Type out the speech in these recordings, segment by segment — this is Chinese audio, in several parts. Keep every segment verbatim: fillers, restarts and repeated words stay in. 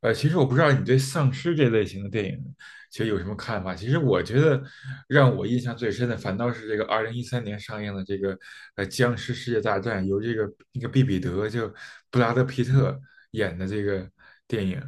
呃，其实我不知道你对丧尸这类型的电影，其实有什么看法？其实我觉得让我印象最深的，反倒是这个二零一三年上映的这个呃《僵尸世界大战》，由这个那个毕彼得就布拉德皮特演的这个电影。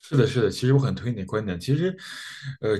是的，是的，其实我很同意你的观点。其实，呃，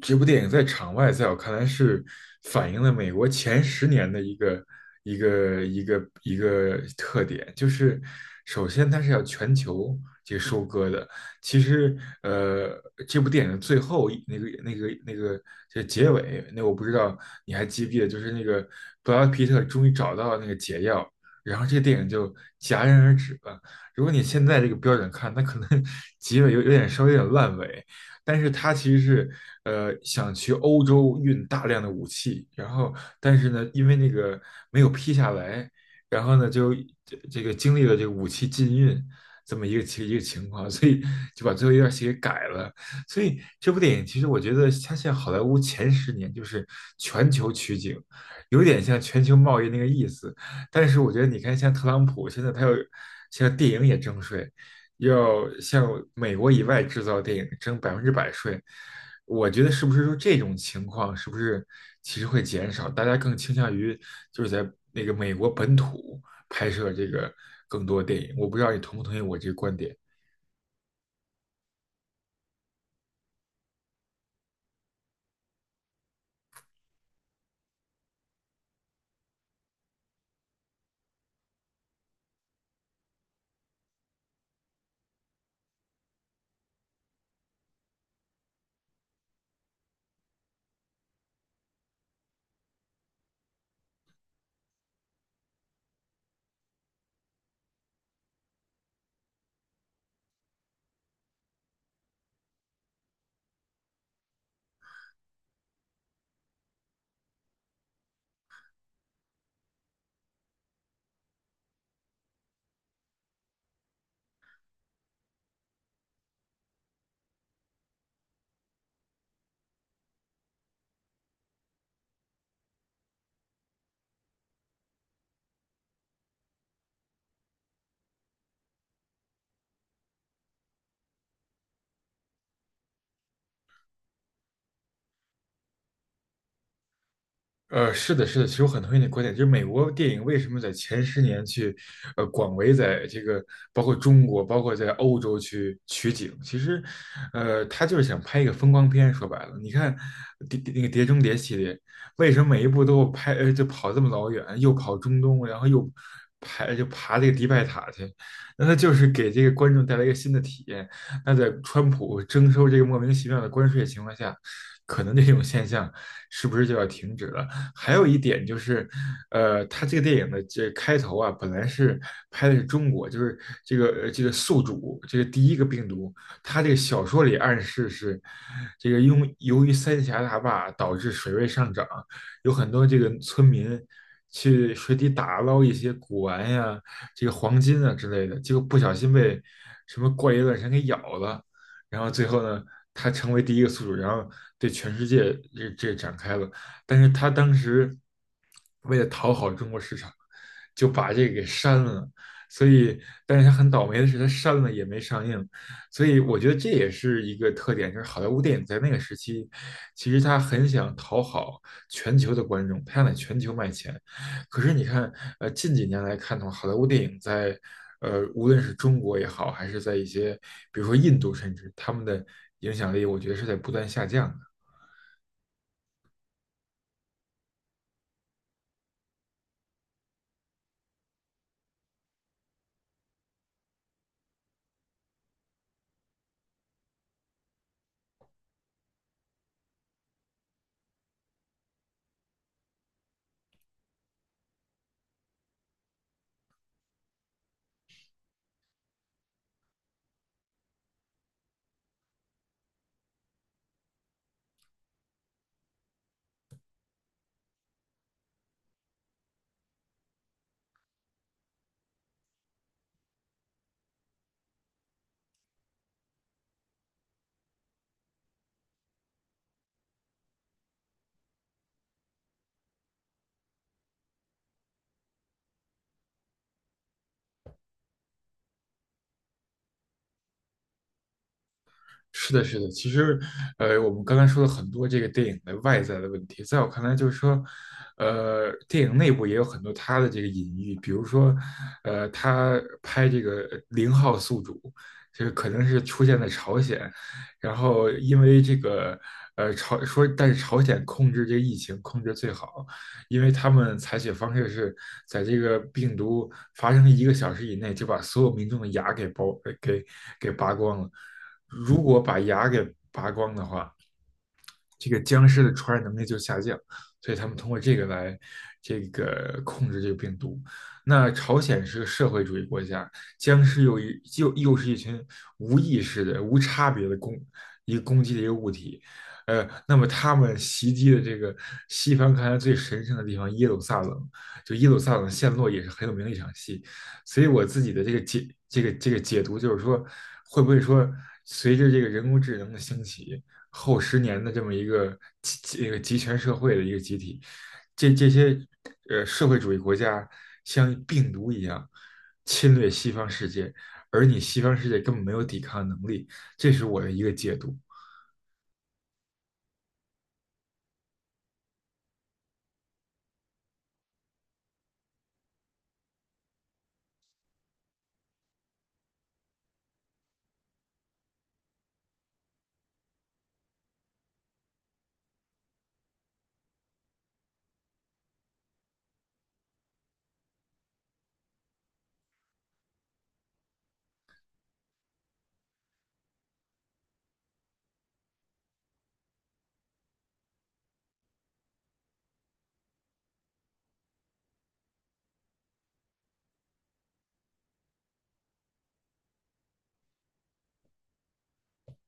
这部电影在场外，在我看来是反映了美国前十年的一个一个一个一个特点，就是首先它是要全球去收割的。其实，呃，这部电影的最后一那个那个那个这结尾，那我不知道你还记不记得，就是那个布拉德皮特终于找到那个解药，然后这个电影就戛然而止了。如果你现在这个标准看，那可能 结尾有有点稍微有点烂尾，但是他其实是呃想去欧洲运大量的武器，然后但是呢，因为那个没有批下来，然后呢就这这个经历了这个武器禁运这么一个情一个情况，所以就把最后一段戏给改了。所以这部电影其实我觉得它现在好莱坞前十年就是全球取景，有点像全球贸易那个意思，但是我觉得你看，像特朗普现在他又像电影也征税，要向美国以外制造电影征百分之百税，我觉得是不是说这种情况是不是其实会减少，大家更倾向于就是在那个美国本土拍摄这个更多电影？我不知道你同不同意我这个观点。呃，是的，是的，其实我很同意你的观点，就是美国电影为什么在前十年去，呃，广为在这个包括中国，包括在欧洲去取景，其实，呃，他就是想拍一个风光片。说白了，你看碟那个《碟中谍》系列，为什么每一部都拍，呃，就跑这么老远，又跑中东，然后又拍就爬这个迪拜塔去？那他就是给这个观众带来一个新的体验。那在川普征收这个莫名其妙的关税的情况下，可能这种现象是不是就要停止了？还有一点就是，呃，他这个电影的这开头啊，本来是拍的是中国，就是这个呃这个宿主，这个第一个病毒，他这个小说里暗示是，这个因为由于三峡大坝导致水位上涨，有很多这个村民去水底打捞一些古玩呀、这个黄金啊之类的，结果不小心被什么怪异乱神给咬了，然后最后呢，他成为第一个宿主，然后对全世界这这展开了。但是他当时为了讨好中国市场，就把这个给删了。所以，但是他很倒霉的是，他删了也没上映。所以，我觉得这也是一个特点，就是好莱坞电影在那个时期，其实他很想讨好全球的观众，他想在全球卖钱。可是你看，呃，近几年来看的话，好莱坞电影在，呃，无论是中国也好，还是在一些，比如说印度，甚至他们的影响力，我觉得是在不断下降的。是的，是的，其实，呃，我们刚才说了很多这个电影的外在的问题，在我看来，就是说，呃，电影内部也有很多它的这个隐喻，比如说，呃，他拍这个呃零号宿主，就是可能是出现在朝鲜，然后因为这个，呃，朝说，但是朝鲜控制这个疫情控制最好，因为他们采取方式是在这个病毒发生一个小时以内就把所有民众的牙给剥给给拔光了。如果把牙给拔光的话，这个僵尸的传染能力就下降，所以他们通过这个来这个控制这个病毒。那朝鲜是个社会主义国家，僵尸又一又又是一群无意识的、无差别的攻一个攻击的一个物体，呃，那么他们袭击的这个西方看来最神圣的地方耶路撒冷，就耶路撒冷陷落也是很有名的一场戏，所以我自己的这个解这个这个解读就是说，会不会说随着这个人工智能的兴起，后十年的这么一个集集一个集权社会的一个集体，这这些呃社会主义国家像病毒一样侵略西方世界，而你西方世界根本没有抵抗能力，这是我的一个解读。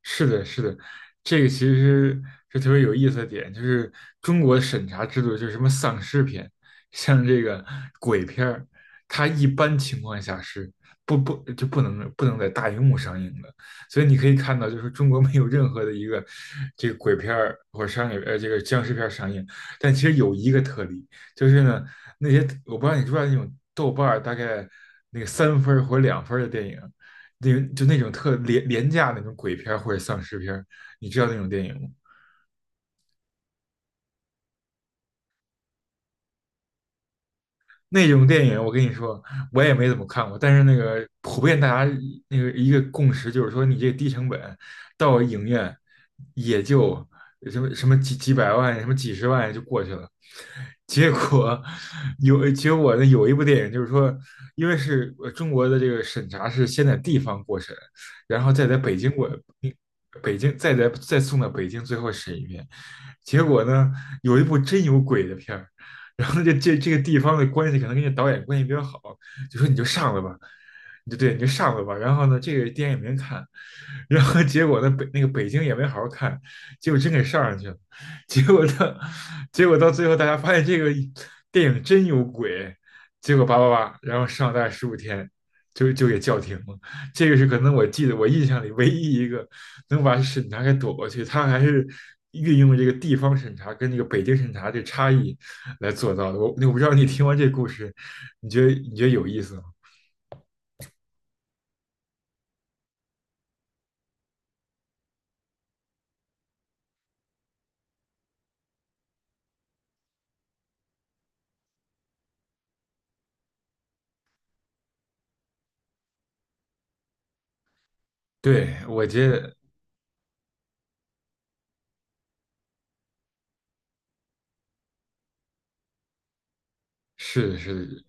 是的，是的，这个其实是特别有意思的点，就是中国的审查制度，就是什么丧尸片，像这个鬼片儿，它一般情况下是不不就不能不能在大荧幕上映的，所以你可以看到，就是中国没有任何的一个这个鬼片儿或者商业呃这个僵尸片儿上映，但其实有一个特例，就是呢那些我不知道你知不知道那种豆瓣儿大概那个三分儿或者两分儿的电影。那就那种特廉廉价那种鬼片或者丧尸片你知道那种电影吗？那种电影，我跟你说，我也没怎么看过。但是那个普遍大家那个一个共识就是说，你这个低成本到影院也就什么什么几几百万、什么几十万就过去了。结果有结果呢，有一部电影就是说，因为是呃中国的这个审查是先在地方过审，然后再在北京过，嗯北京再在再送到北京最后审一遍。结果呢，有一部真有鬼的片儿。然后这这这个地方的关系可能跟这导演关系比较好，就说你就上了吧，你就对你就上了吧。然后呢，这个电影也没人看，然后结果呢北那个北京也没好好看，结果真给上上去了，结果到结果到最后大家发现这个电影真有鬼，结果叭叭叭，然后上大概十五天。就就给叫停了，这个是可能我记得我印象里唯一一个能把审查给躲过去，他还是运用了这个地方审查跟这个北京审查这差异来做到的。我我不知道你听完这故事，你觉得你觉得有意思吗？对，我觉得是的是的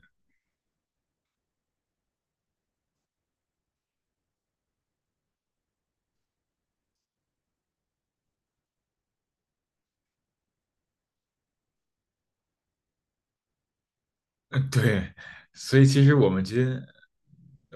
呃对，所以其实我们今天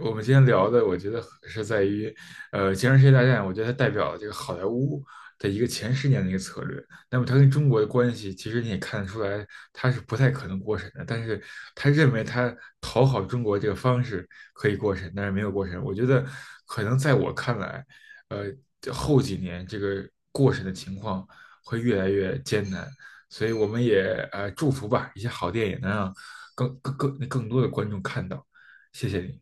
我们今天聊的，我觉得是在于，呃，《金融世界大战》，我觉得它代表了这个好莱坞的一个前十年的一个策略。那么它跟中国的关系，其实你也看得出来，它是不太可能过审的。但是他认为他讨好中国这个方式可以过审，但是没有过审。我觉得可能在我看来，呃，后几年这个过审的情况会越来越艰难。所以我们也呃祝福吧，一些好电影能让更更更更多的观众看到。谢谢你。